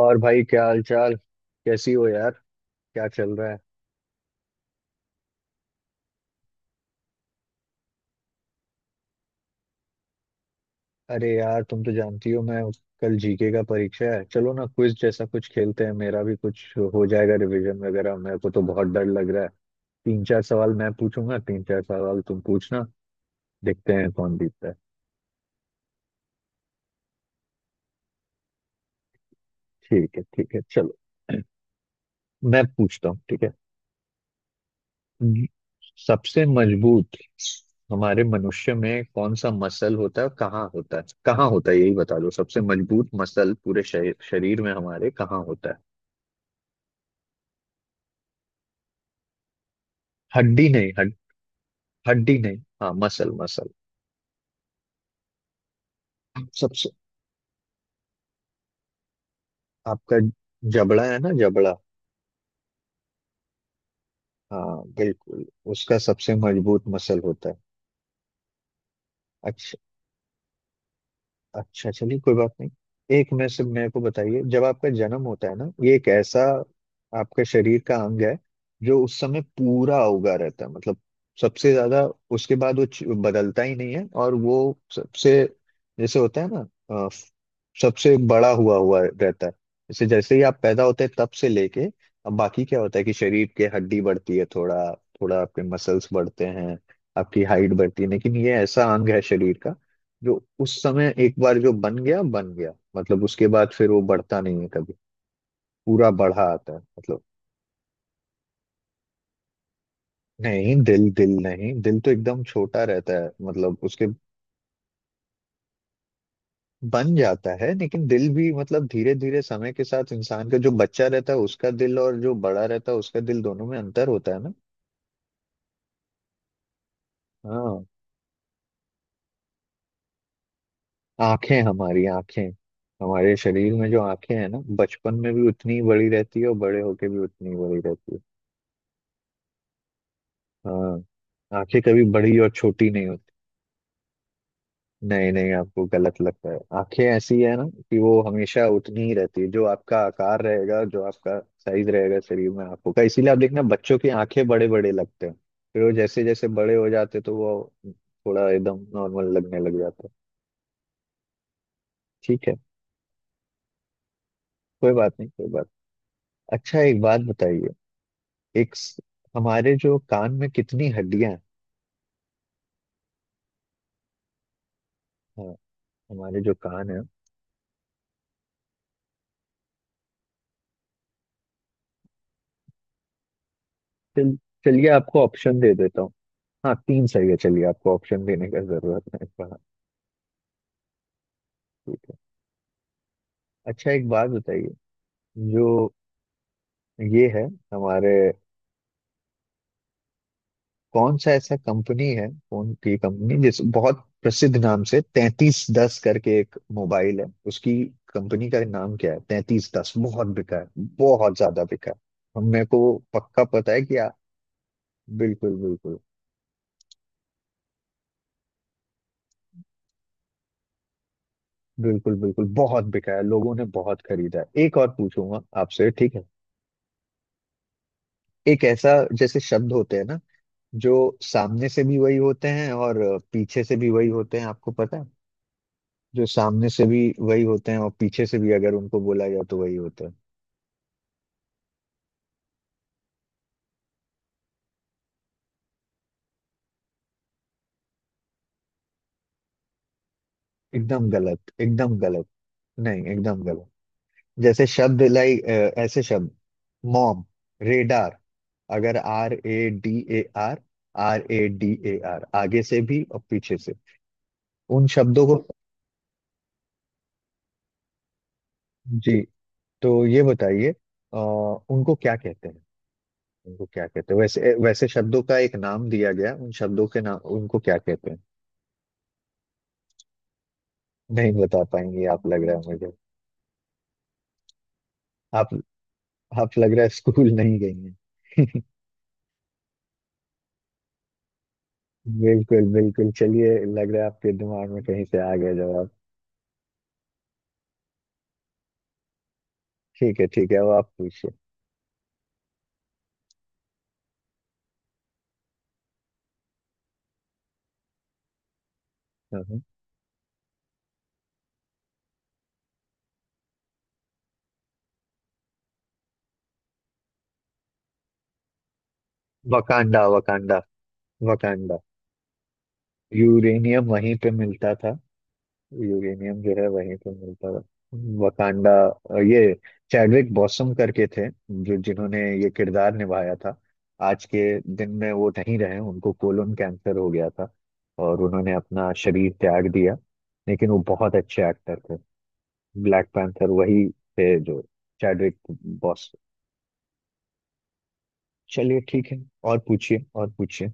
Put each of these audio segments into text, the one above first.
और भाई क्या हाल चाल। कैसी हो यार? क्या चल रहा है? अरे यार, तुम तो जानती हो मैं। कल जीके का परीक्षा है, चलो ना क्विज जैसा कुछ खेलते हैं, मेरा भी कुछ हो जाएगा रिवीजन वगैरह। मेरे को तो बहुत डर लग रहा है। तीन चार सवाल मैं पूछूंगा, तीन चार सवाल तुम पूछना। देखते हैं कौन जीतता है। ठीक है ठीक है, चलो। मैं पूछता हूँ, ठीक है? हम्म, सबसे मजबूत हमारे मनुष्य में कौन सा मसल होता है? कहाँ होता है? कहाँ होता है, यही बता दो। सबसे मजबूत मसल पूरे शरीर शरीर में हमारे कहाँ होता है? हड्डी नहीं हड, हड्डी नहीं, हाँ मसल मसल। सबसे आपका जबड़ा है ना, जबड़ा। हाँ बिल्कुल, उसका सबसे मजबूत मसल होता है। अच्छा चलिए, कोई बात नहीं। एक में से मेरे को बताइए, जब आपका जन्म होता है ना, ये एक ऐसा आपका शरीर का अंग है जो उस समय पूरा उगा रहता है, मतलब सबसे ज्यादा। उसके बाद वो बदलता ही नहीं है, और वो सबसे जैसे होता है ना, अ, सबसे बड़ा हुआ हुआ रहता है। जैसे जैसे ही आप पैदा होते हैं तब से लेके। अब बाकी क्या होता है कि शरीर के हड्डी बढ़ती है, थोड़ा थोड़ा आपके मसल्स बढ़ते हैं, आपकी हाइट बढ़ती है। लेकिन ये ऐसा अंग है शरीर का जो उस समय एक बार जो बन गया बन गया, मतलब उसके बाद फिर वो बढ़ता नहीं है कभी। पूरा बढ़ा आता है मतलब। नहीं, दिल दिल नहीं, दिल तो एकदम छोटा रहता है मतलब उसके। बन जाता है, लेकिन दिल भी मतलब धीरे धीरे समय के साथ, इंसान का जो बच्चा रहता है उसका दिल, और जो बड़ा रहता है उसका दिल, दोनों में अंतर होता है ना। हाँ। आंखें, हमारी आंखें। हमारे शरीर में जो आंखें हैं ना, बचपन में भी उतनी ही बड़ी रहती है और बड़े होके भी उतनी ही बड़ी रहती है। हाँ, आंखें कभी बड़ी और छोटी नहीं। नहीं नहीं, आपको गलत लगता है। आंखें ऐसी है ना कि वो हमेशा उतनी ही रहती है। जो आपका आकार रहेगा, जो आपका साइज रहेगा शरीर में आंखों का, इसीलिए आप देखना बच्चों की आंखें बड़े बड़े लगते हैं। फिर वो जैसे जैसे बड़े हो जाते हैं, तो वो थोड़ा एकदम नॉर्मल लगने लग जाता है। ठीक है, कोई बात नहीं, कोई बात। अच्छा एक बात बताइए। एक स- हमारे जो कान में कितनी हड्डियां हैं? हाँ, हमारे जो कान है। चल, चलिए आपको ऑप्शन दे देता हूँ। हाँ, तीन सही है, चलिए आपको ऑप्शन देने का जरूरत नहीं पड़ा। अच्छा एक बात बताइए, जो ये है हमारे, कौन सा ऐसा कंपनी है फोन की कंपनी जिस बहुत प्रसिद्ध नाम से 3310 करके एक मोबाइल है, उसकी कंपनी का नाम क्या है? 3310 बहुत बिका है, बहुत ज्यादा बिका है। मेरे को पक्का पता है कि बिल्कुल बिल्कुल, बिल्कुल बिल्कुल बहुत बिका है, लोगों ने बहुत खरीदा है। एक और पूछूंगा आपसे, ठीक है? एक ऐसा जैसे शब्द होते हैं ना जो सामने से भी वही होते हैं और पीछे से भी वही होते हैं, आपको पता है? जो सामने से भी वही होते हैं और पीछे से भी अगर उनको बोला जाए तो वही होता है। एकदम गलत, एकदम गलत। नहीं, एकदम गलत। जैसे शब्द, लाइक, ऐसे शब्द मॉम, रेडार, अगर R A D A R, R A D A R आगे से भी और पीछे से। उन शब्दों को, जी। तो ये बताइए उनको क्या कहते हैं, उनको क्या कहते हैं? वैसे वैसे शब्दों का एक नाम दिया गया, उन शब्दों के नाम उनको क्या कहते हैं? नहीं बता पाएंगे आप, लग रहा है मुझे। आप आप लग रहा है स्कूल नहीं गई हैं। बिल्कुल बिल्कुल, चलिए लग रहा है आपके दिमाग में कहीं से आ गया जवाब। ठीक है ठीक है, अब आप पूछिए। हाँ, हाँ। Wakanda, Wakanda, Wakanda. यूरेनियम वहीं पे मिलता था, यूरेनियम जो है वहीं पे मिलता था। वकांडा, ये चैडविक बॉसम करके थे जो जिन्होंने ये किरदार निभाया था। आज के दिन में वो नहीं रहे, उनको कोलन कैंसर हो गया था, और उन्होंने अपना शरीर त्याग दिया। लेकिन वो बहुत अच्छे एक्टर थे। ब्लैक पैंथर वही थे जो, चैडविक बॉस। चलिए ठीक है। और पूछिए, और पूछिए।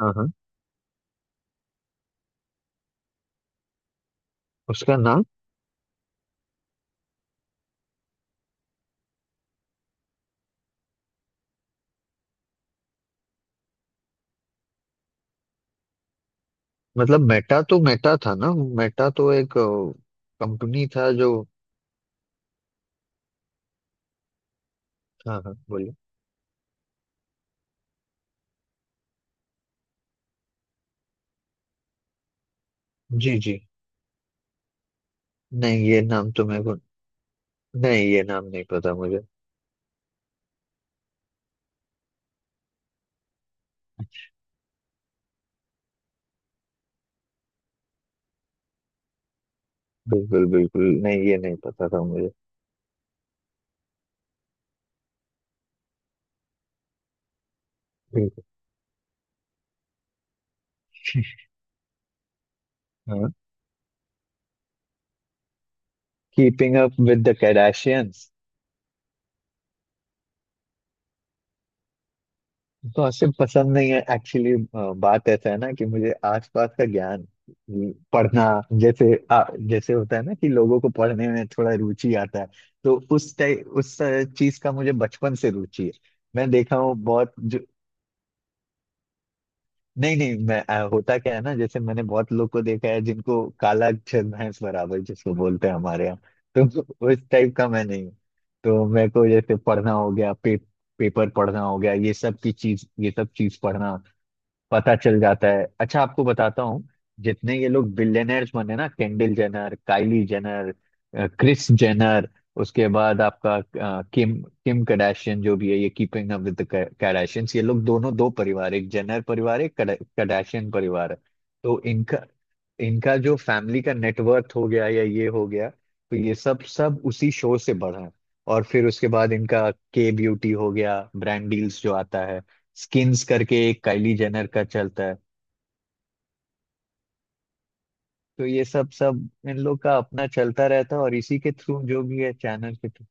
हाँ हाँ। उसका नाम, मतलब मेटा तो मेटा था ना, मेटा तो एक कंपनी था जो। हाँ हाँ बोलिए। जी जी, नहीं ये नाम तो मेरे को, नहीं ये नाम नहीं पता मुझे। बिल्कुल बिल्कुल, नहीं ये नहीं पता था मुझे। बिल्कुल। हाँ, keeping up with the Kardashians. गॉसिप पसंद नहीं है एक्चुअली। बात ऐसा है ना कि मुझे आसपास का ज्ञान, पढ़ना। जैसे जैसे होता है ना कि लोगों को पढ़ने में थोड़ा रुचि आता है। तो उस टाइप, उस चीज का मुझे बचपन से रुचि है। मैं देखा हूँ बहुत जो, नहीं नहीं, मैं होता क्या है ना, जैसे मैंने बहुत लोग को देखा है जिनको काला अक्षर भैंस बराबर जिसको बोलते हैं हमारे यहाँ। तो उस टाइप का मैं नहीं हूँ। तो मेरे को जैसे पढ़ना हो गया, पेपर पढ़ना हो गया, ये सब की चीज, ये सब चीज पढ़ना, पता चल जाता है। अच्छा आपको बताता हूँ, जितने ये लोग बिलियनर्स बने ना, Kendall Jenner, Kylie Jenner, Kris Jenner, उसके बाद आपका किम, किम कडाशियन जो भी है, ये कीपिंग अप विद कैडाशियंस। ये लोग दोनों, दो परिवार, एक जेनर परिवार, एक कडाशियन परिवार है। तो इनका, इनका जो फैमिली का नेटवर्थ हो गया या ये हो गया, तो ये सब सब उसी शो से बढ़ा है। और फिर उसके बाद इनका के ब्यूटी हो गया, ब्रांड डील्स जो आता है, स्किन्स करके एक काइली जेनर का चलता है। तो ये सब सब इन लोग का अपना चलता रहता है, और इसी के थ्रू जो भी है, चैनल के थ्रू।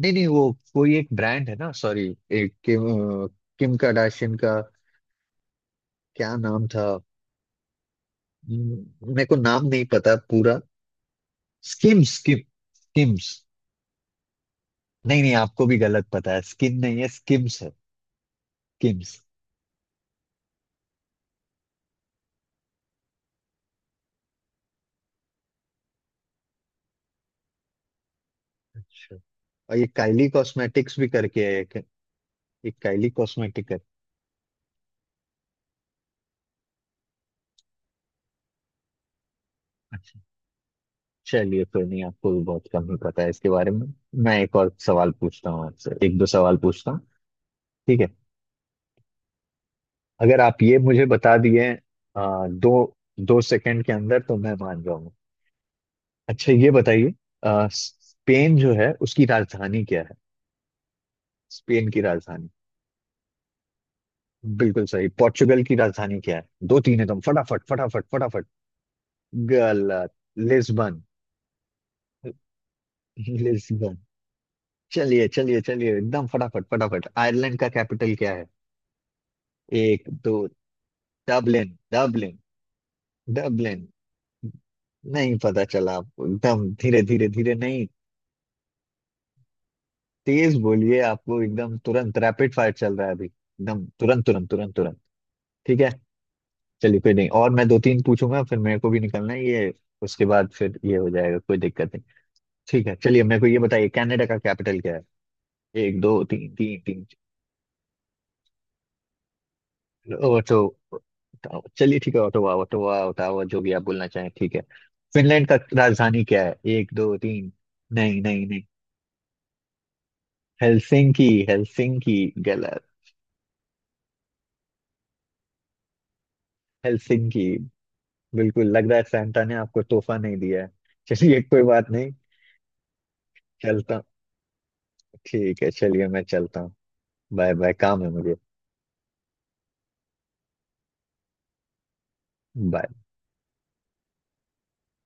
नहीं नहीं, वो कोई एक ब्रांड है ना। सॉरी, एक किम, अ, किम कार्दाशियन का क्या नाम था? मेरे को नाम नहीं पता पूरा। Schemes, schemes. नहीं नहीं, आपको भी गलत पता है, स्किन नहीं है, स्किम्स है। स्किम्स। अच्छा, और ये काइली कॉस्मेटिक्स भी करके है एक, एक काइली कॉस्मेटिक है। चलिए फिर, नहीं आपको भी बहुत कम ही पता है इसके बारे में। मैं एक और सवाल पूछता हूँ आपसे, एक दो सवाल पूछता हूँ, ठीक है? अगर आप ये मुझे बता दिए दो दो सेकंड के अंदर, तो मैं मान जाऊंगा। अच्छा ये बताइए, स्पेन जो है उसकी राजधानी क्या है? स्पेन की राजधानी? बिल्कुल सही। पोर्चुगल की राजधानी क्या है? दो तीन, एकदम फटाफट फटाफट फटाफट। गलत, लिस्बन, लिस्बन। चलिए चलिए चलिए, एकदम फटाफट फटाफट, आयरलैंड का कैपिटल क्या है? एक दो, डबलिन डबलिन, डबलिन। नहीं पता चला आपको, एकदम धीरे धीरे धीरे नहीं, तेज बोलिए, आपको एकदम तुरंत, रैपिड फायर चल रहा है अभी, एकदम तुरंत तुरंत तुरंत तुरंत। ठीक है चलिए, कोई नहीं, और मैं दो तीन पूछूंगा, फिर मेरे को भी निकलना है, ये उसके बाद फिर ये हो जाएगा, कोई दिक्कत नहीं। ठीक है चलिए, मेरे को ये बताइए, कनाडा का कैपिटल क्या है? एक दो तीन, तीन तीन। ओटो, चलिए ठीक है, ओटावा, ओटावा, ओटावा, जो भी आप बोलना चाहें, ठीक है। फिनलैंड का राजधानी क्या है? एक दो तीन, नहीं नहीं नहीं, हेलसिंकी, हेलसिंकी। गलत, हेलसिंकी। बिल्कुल, लग रहा है सैंटा ने आपको तोहफा नहीं दिया है, चलिए कोई बात नहीं। चलता हूँ। ठीक है चलिए, मैं चलता हूँ, बाय बाय, काम है मुझे। Bye.